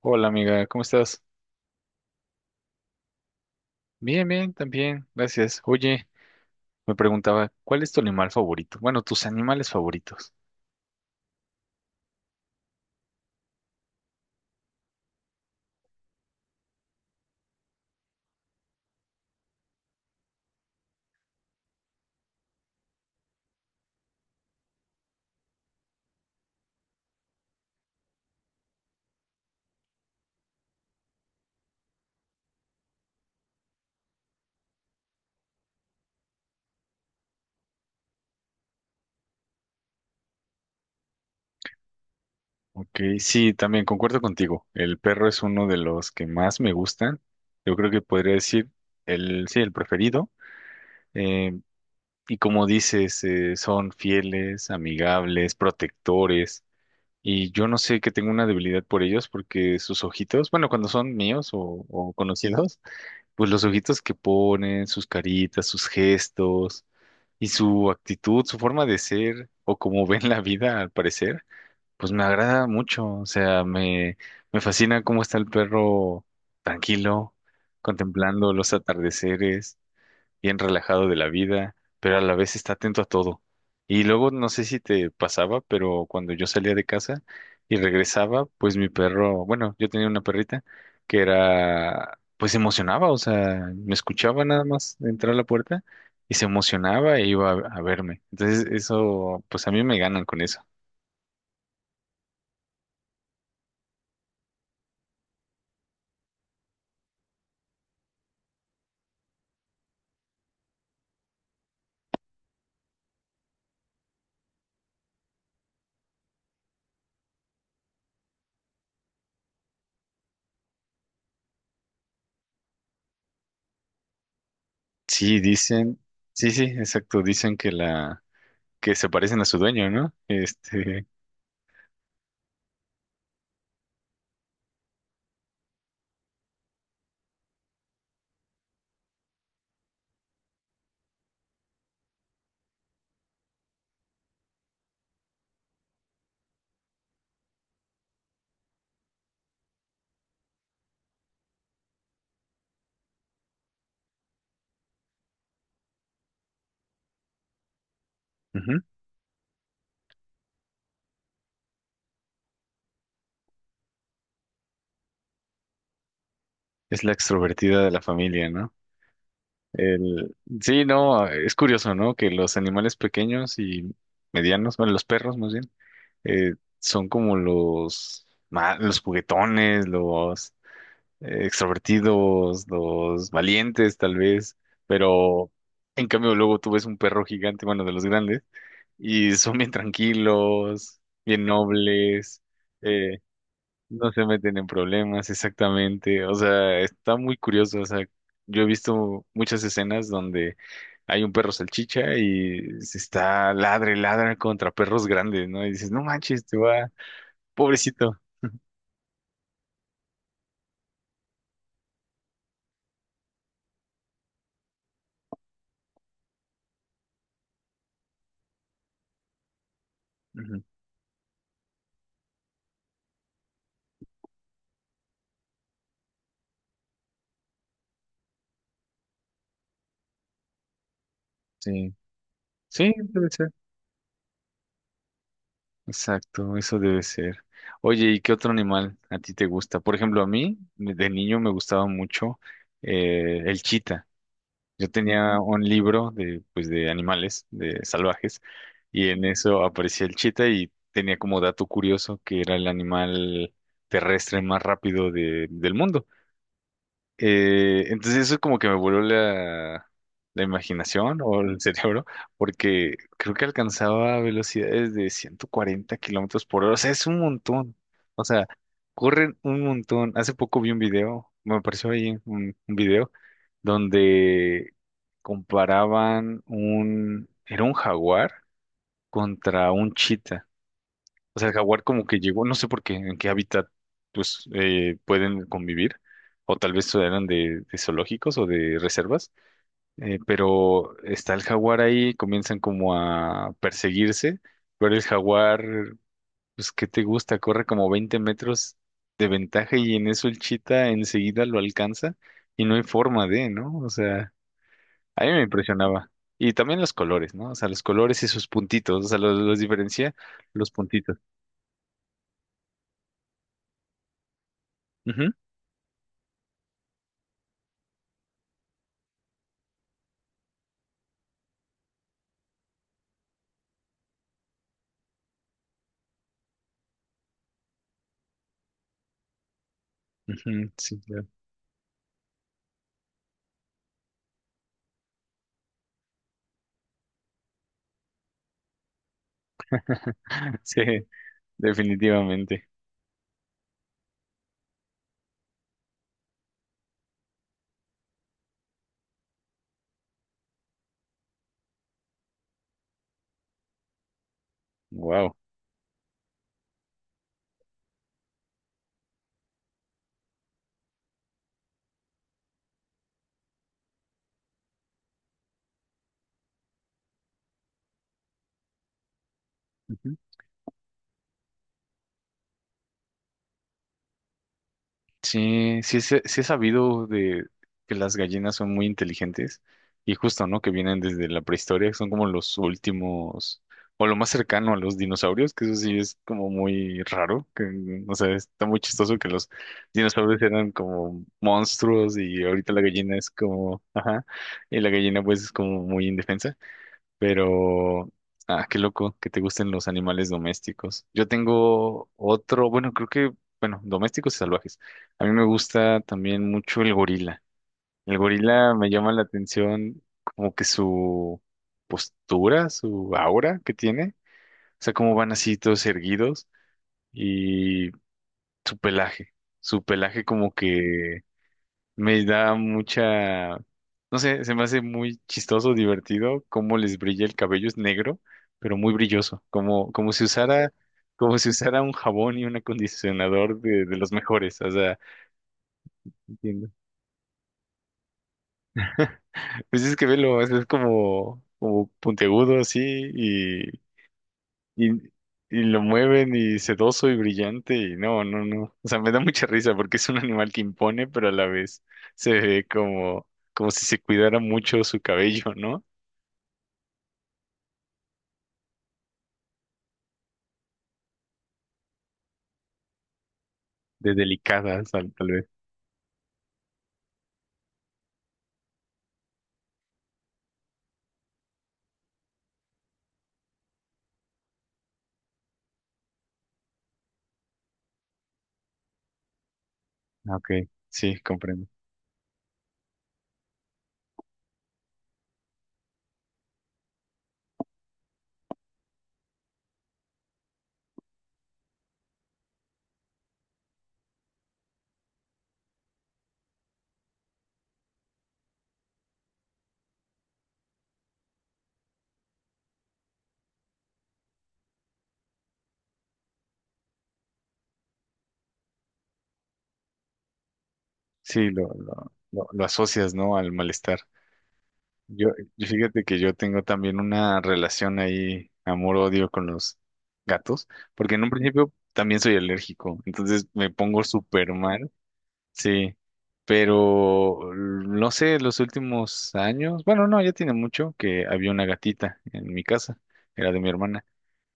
Hola amiga, ¿cómo estás? Bien, bien, también, gracias. Oye, me preguntaba, ¿cuál es tu animal favorito? Bueno, tus animales favoritos. Ok, sí, también concuerdo contigo. El perro es uno de los que más me gustan. Yo creo que podría decir el, sí, el preferido. Eh, y como dices, son fieles, amigables, protectores. Y yo no sé que tengo una debilidad por ellos porque sus ojitos, bueno, cuando son míos o conocidos. Pues los ojitos que ponen, sus caritas, sus gestos y su actitud, su forma de ser o cómo ven la vida al parecer, pues me agrada mucho. O sea, me fascina cómo está el perro tranquilo, contemplando los atardeceres bien relajado de la vida, pero a la vez está atento a todo. Y luego no sé si te pasaba, pero cuando yo salía de casa y regresaba, pues mi perro, bueno, yo tenía una perrita que era, pues se emocionaba, o sea, me escuchaba nada más entrar a la puerta y se emocionaba e iba a verme. Entonces eso, pues a mí me ganan con eso. Sí, dicen, sí, sí, exacto, dicen que que se parecen a su dueño, ¿no? Ujú, es la extrovertida de la familia, ¿no? El... Sí, no, es curioso, ¿no? Que los animales pequeños y medianos, bueno, los perros más bien, son como los juguetones, los extrovertidos, los valientes tal vez, pero en cambio luego tú ves un perro gigante, bueno, de los grandes, y son bien tranquilos, bien nobles. eh, no se meten en problemas, exactamente. O sea, está muy curioso. O sea, yo he visto muchas escenas donde hay un perro salchicha y se está ladra contra perros grandes, ¿no? Y dices, no manches, te va, pobrecito. Ujú, sí, sí, debe ser. Exacto, eso debe ser. Oye, ¿y qué otro animal a ti te gusta? Por ejemplo, a mí, de niño me gustaba mucho el chita. Yo tenía un libro de, pues, de animales, de salvajes, y en eso aparecía el chita y tenía como dato curioso que era el animal terrestre más rápido del mundo. Entonces eso como que me voló la imaginación o el cerebro, porque creo que alcanzaba velocidades de 140 kilómetros por hora. O sea, es un montón. O sea, corren un montón. Hace poco vi un video, me apareció ahí un video donde era un jaguar contra un chita. O sea, el jaguar como que llegó, no sé por qué, en qué hábitat pues pueden convivir, o tal vez eran de zoológicos o de reservas, pero está el jaguar ahí, comienzan como a perseguirse, pero el jaguar, pues, ¿qué te gusta? Corre como 20 metros de ventaja y en eso el chita enseguida lo alcanza y no hay forma de, ¿no? O sea, a mí me impresionaba. Y también los colores, ¿no? O sea, los colores y sus puntitos, o sea, los diferencia los puntitos. Ujú, sí, claro. Sí, definitivamente. Wow. Ujú. Sí, sí, sí he sabido de que las gallinas son muy inteligentes y justo, ¿no? Que vienen desde la prehistoria, que son como los últimos o lo más cercano a los dinosaurios, que eso sí es como muy raro, que, o sea, está muy chistoso que los dinosaurios eran como monstruos y ahorita la gallina es como, ajá, y la gallina pues es como muy indefensa. Pero, ah, qué loco que te gusten los animales domésticos. Yo tengo otro, bueno, creo que, bueno, domésticos y salvajes. A mí me gusta también mucho el gorila. El gorila me llama la atención como que su postura, su aura que tiene, o sea, cómo van así todos erguidos y su pelaje. Su pelaje como que me da mucha, no sé, se me hace muy chistoso, divertido, cómo les brilla el cabello, es negro, pero muy brilloso, como si usara un jabón y un acondicionador de los mejores, o sea, entiendo. Pues es que velo, es como, como puntiagudo así, y, y, y lo mueven y sedoso y brillante, y no, no, no, o sea, me da mucha risa porque es un animal que impone, pero a la vez se ve como si se cuidara mucho su cabello, ¿no? De delicadas, tal vez. Ah, ok, sí, comprendo. Sí, lo asocias, ¿no? Al malestar. Yo, yo fíjate que yo tengo también una relación ahí, amor-odio con los gatos, porque en un principio también soy alérgico, entonces me pongo súper mal, sí, pero no sé, los últimos años, bueno, no, ya tiene mucho que había una gatita en mi casa, era de mi hermana.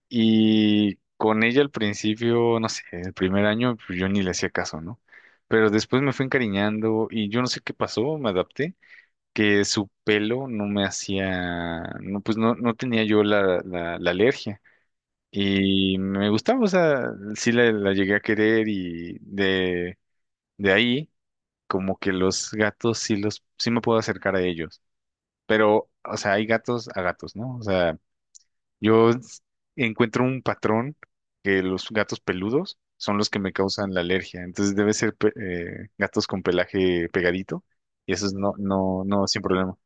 Y con ella al principio, no sé, el primer año pues, yo ni le hacía caso, ¿no? Pero después me fui encariñando y yo no sé qué pasó, me adapté, que su pelo no me hacía, no, pues no, no tenía yo la alergia. Y me gustaba, o sea, sí la llegué a querer y de ahí como que los gatos sí sí me puedo acercar a ellos. Pero, o sea, hay gatos a gatos, ¿no? O sea, yo encuentro un patrón que los gatos peludos son los que me causan la alergia. Entonces debe ser gatos con pelaje pegadito y esos no, no, no, sin problema.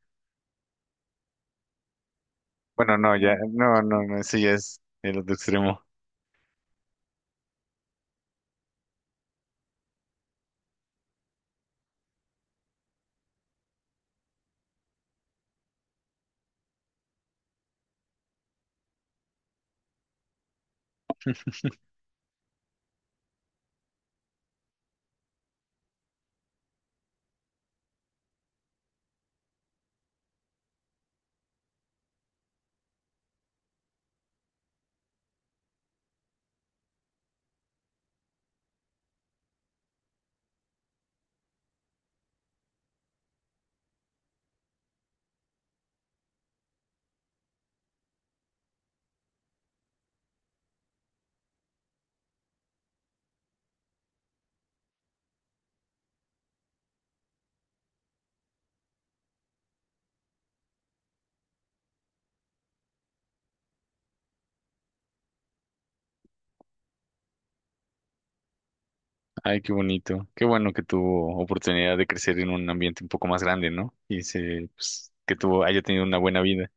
Bueno, no, ya, no, no, no, ese ya es el otro extremo. Ay, qué bonito. Qué bueno que tuvo oportunidad de crecer en un ambiente un poco más grande, ¿no? Y se, pues, que tuvo, haya tenido una buena vida.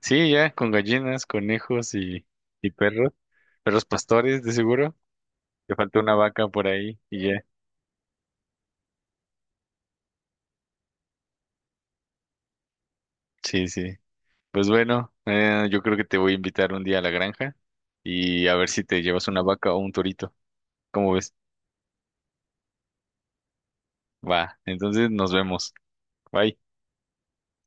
Sí, ya, con gallinas, conejos y, perros, perros pastores, de seguro. Te faltó una vaca por ahí y ya. Sí, sí. Pues bueno, yo creo que te voy a invitar un día a la granja y a ver si te llevas una vaca o un torito. ¿Cómo ves? Va, entonces nos vemos. Bye.